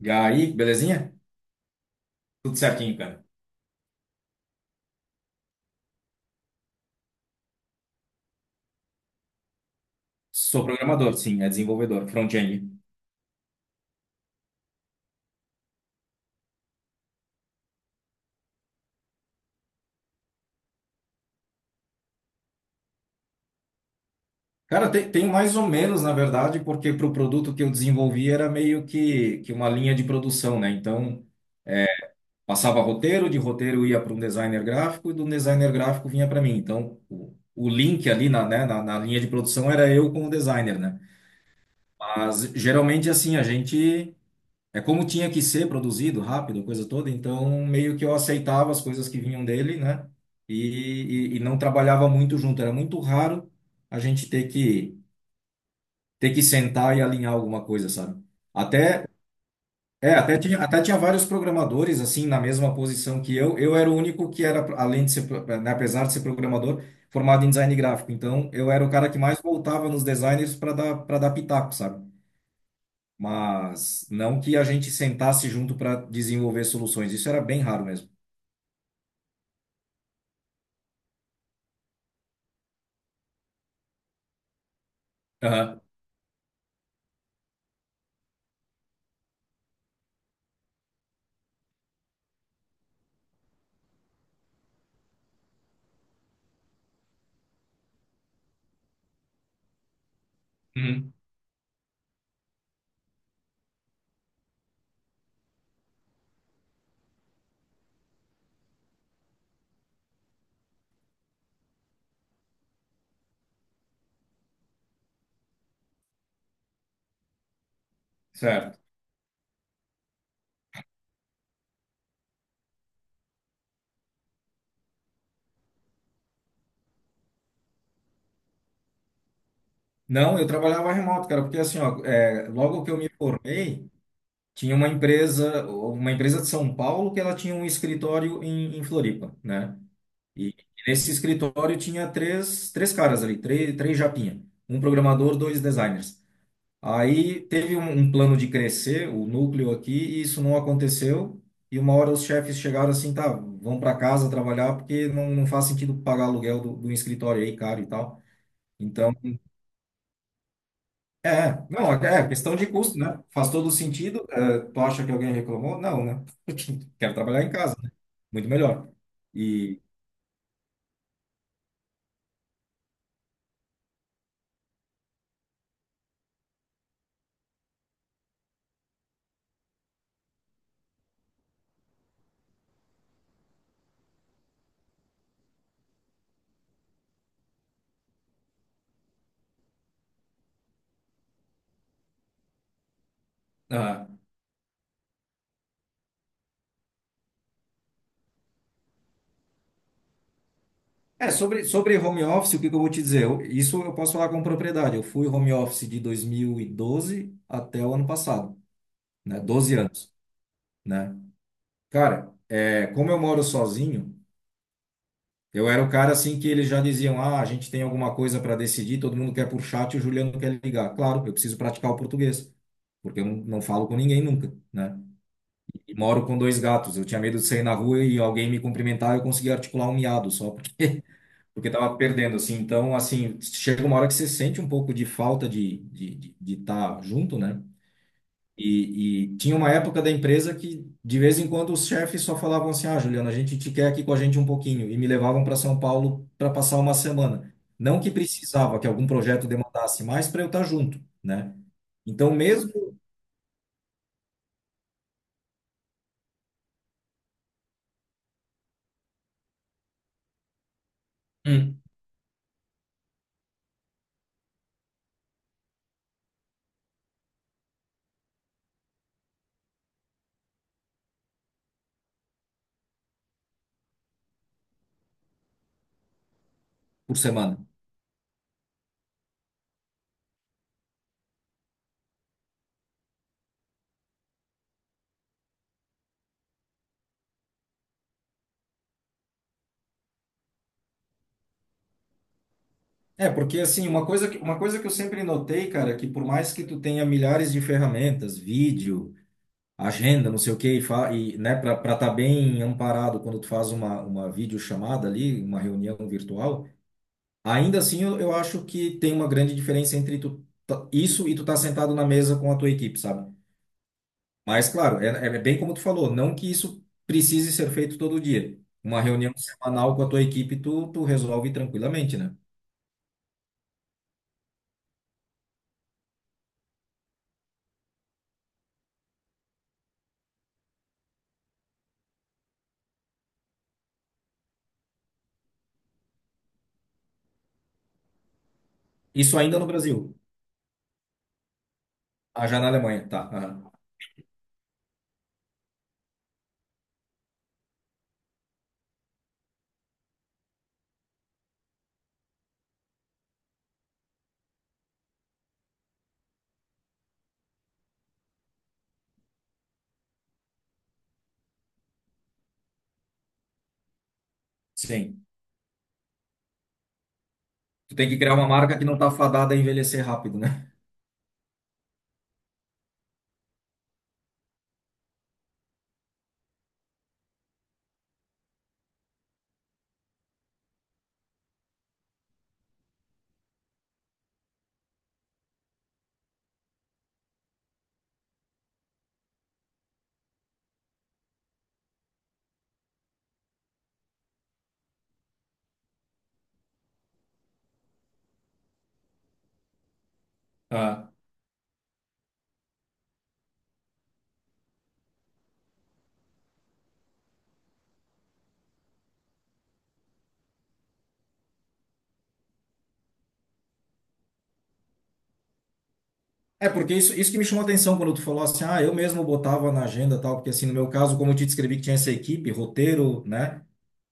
E aí, belezinha? Tudo certinho, cara. Sou programador, sim, é desenvolvedor, front-end. Cara, tem mais ou menos, na verdade, porque para o produto que eu desenvolvi era meio que uma linha de produção, né? Então, passava roteiro, de roteiro ia para um designer gráfico e do designer gráfico vinha para mim. Então, o link ali na linha de produção era eu com o designer, né? Mas, geralmente, assim, a gente. É como tinha que ser produzido rápido, coisa toda, então meio que eu aceitava as coisas que vinham dele, né? E não trabalhava muito junto. Era muito raro a gente ter que sentar e alinhar alguma coisa, sabe? Até até tinha vários programadores assim na mesma posição que eu. Eu era o único que era além de ser, apesar de ser programador, formado em design gráfico. Então eu era o cara que mais voltava nos designers para dar pitaco, sabe? Mas não que a gente sentasse junto para desenvolver soluções. Isso era bem raro mesmo. Aham. Uhum. Certo. Não, eu trabalhava remoto, cara, porque assim, ó, logo que eu me formei, tinha uma empresa de São Paulo que ela tinha um escritório em Floripa, né? E nesse escritório tinha três caras ali, três japinha, um programador, dois designers. Aí teve um plano de crescer o núcleo aqui e isso não aconteceu. E uma hora os chefes chegaram assim, tá, vão para casa trabalhar porque não faz sentido pagar aluguel do escritório aí caro e tal. Então, é, não, é questão de custo, né? Faz todo sentido. É, tu acha que alguém reclamou? Não, né? Quero trabalhar em casa, né? Muito melhor. E ah, é sobre home office, o que que eu vou te dizer? Isso eu posso falar com propriedade. Eu fui home office de 2012 até o ano passado. Né? 12 anos, né? Cara, como eu moro sozinho, eu era o cara assim que eles já diziam: ah, a gente tem alguma coisa para decidir, todo mundo quer por chat e o Juliano quer ligar. Claro, eu preciso praticar o português, porque eu não falo com ninguém nunca, né? E moro com dois gatos, eu tinha medo de sair na rua e alguém me cumprimentar, eu conseguia articular um miado só, porque tava perdendo, assim. Então, assim, chega uma hora que você sente um pouco de falta de estar de tá junto, né? E tinha uma época da empresa que, de vez em quando, os chefes só falavam assim: Ah, Juliana, a gente te quer aqui com a gente um pouquinho. E me levavam para São Paulo para passar uma semana. Não que precisava que algum projeto demandasse mais para eu estar junto, né? Então, mesmo. Hum. Por semana. É, porque assim, uma coisa que eu sempre notei, cara, é que por mais que tu tenha milhares de ferramentas, vídeo, agenda, não sei o quê, e para estar bem amparado quando tu faz uma videochamada ali, uma reunião virtual. Ainda assim, eu acho que tem uma grande diferença entre isso e tu tá sentado na mesa com a tua equipe, sabe? Mas, claro, é, é bem como tu falou, não que isso precise ser feito todo dia. Uma reunião semanal com a tua equipe, tu resolve tranquilamente, né? Isso ainda no Brasil. Ah, já na Alemanha, tá. Aham. Sim. Tu tem que criar uma marca que não tá fadada a envelhecer rápido, né? Ah. É, porque isso que me chamou a atenção quando tu falou assim, ah, eu mesmo botava na agenda e tal, porque assim, no meu caso, como eu te descrevi que tinha essa equipe, roteiro, né?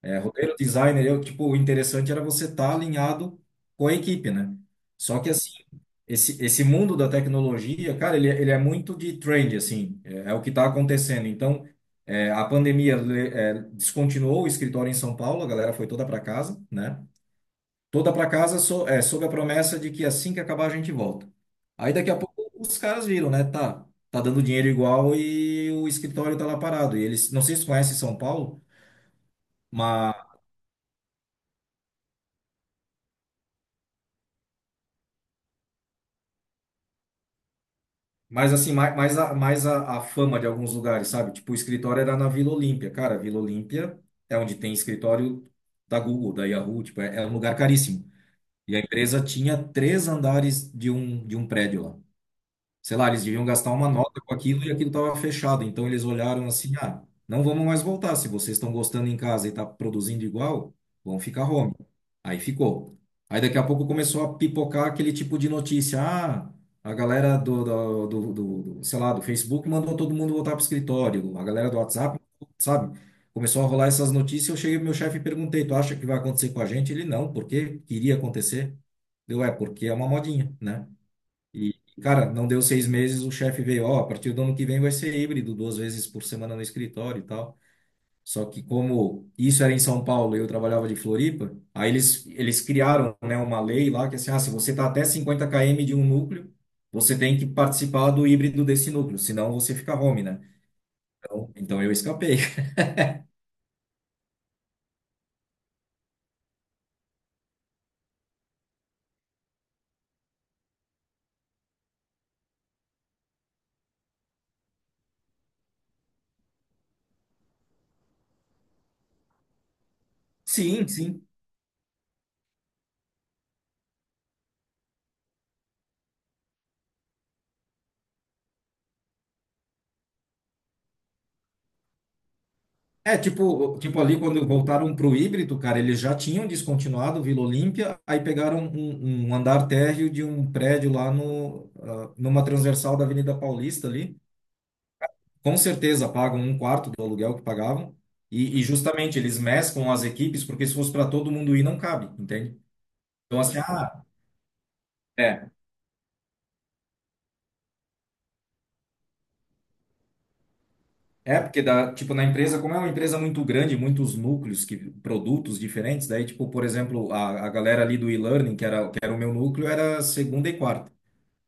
É, roteiro designer, eu, tipo, o interessante era você estar alinhado com a equipe, né? Só que, assim, esse mundo da tecnologia, cara, ele é muito de trend, assim, é, é o que está acontecendo. Então, a pandemia descontinuou o escritório em São Paulo, a galera foi toda para casa, né? Toda para casa sob a promessa de que assim que acabar a gente volta. Aí, daqui a pouco, os caras viram, né? Tá, tá dando dinheiro igual e o escritório tá lá parado. E eles, não sei se vocês conhecem São Paulo. Mas assim, mais a fama de alguns lugares, sabe? Tipo, o escritório era na Vila Olímpia. Cara, Vila Olímpia é onde tem escritório da Google, da Yahoo, tipo, é um lugar caríssimo. E a empresa tinha três andares de um prédio lá. Sei lá, eles deviam gastar uma nota com aquilo e aquilo estava fechado. Então eles olharam assim: ah, não vamos mais voltar. Se vocês estão gostando em casa e está produzindo igual, vão ficar home. Aí ficou. Aí daqui a pouco começou a pipocar aquele tipo de notícia: ah, a galera do, sei lá, do Facebook mandou todo mundo voltar para o escritório, a galera do WhatsApp, sabe? Começou a rolar essas notícias. Eu cheguei pro meu chefe e perguntei: tu acha que vai acontecer com a gente? Ele não, porque queria acontecer. Deu, porque é uma modinha, né? E, cara, não deu 6 meses, o chefe veio, ó, a partir do ano que vem vai ser híbrido, duas vezes por semana no escritório e tal. Só que como isso era em São Paulo e eu trabalhava de Floripa, aí eles criaram, né, uma lei lá que é assim, ah, se você está até 50 km de um núcleo, você tem que participar do híbrido desse núcleo, senão você fica home, né? Então eu escapei. Sim, sim. É, tipo ali quando voltaram pro híbrido, cara, eles já tinham descontinuado o Vila Olímpia, aí pegaram um andar térreo de um prédio lá no, ah, numa transversal da Avenida Paulista ali. Com certeza pagam um quarto do aluguel que pagavam. E justamente eles mesclam as equipes, porque se fosse para todo mundo ir, não cabe, entende? Então, assim, é, é porque na empresa, como é uma empresa muito grande, muitos núcleos, produtos diferentes, daí, tipo, por exemplo, a galera ali do e-learning, que era o meu núcleo, era segunda e quarta.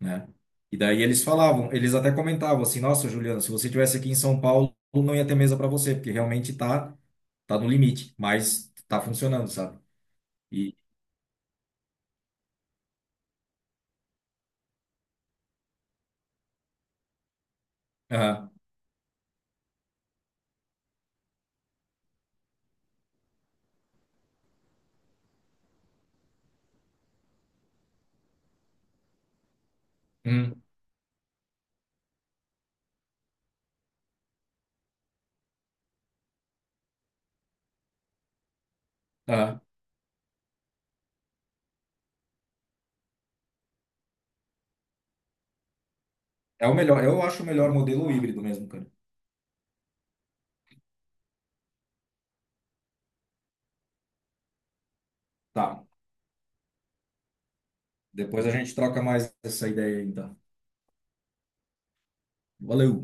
Né? E daí eles falavam, eles até comentavam assim, nossa, Juliana, se você tivesse aqui em São Paulo, não ia ter mesa para você, porque realmente tá no limite, mas tá funcionando, sabe? E ah, hum, ah, é o melhor, eu acho o melhor modelo híbrido mesmo, cara. Tá. Depois a gente troca mais essa ideia aí, então. Valeu.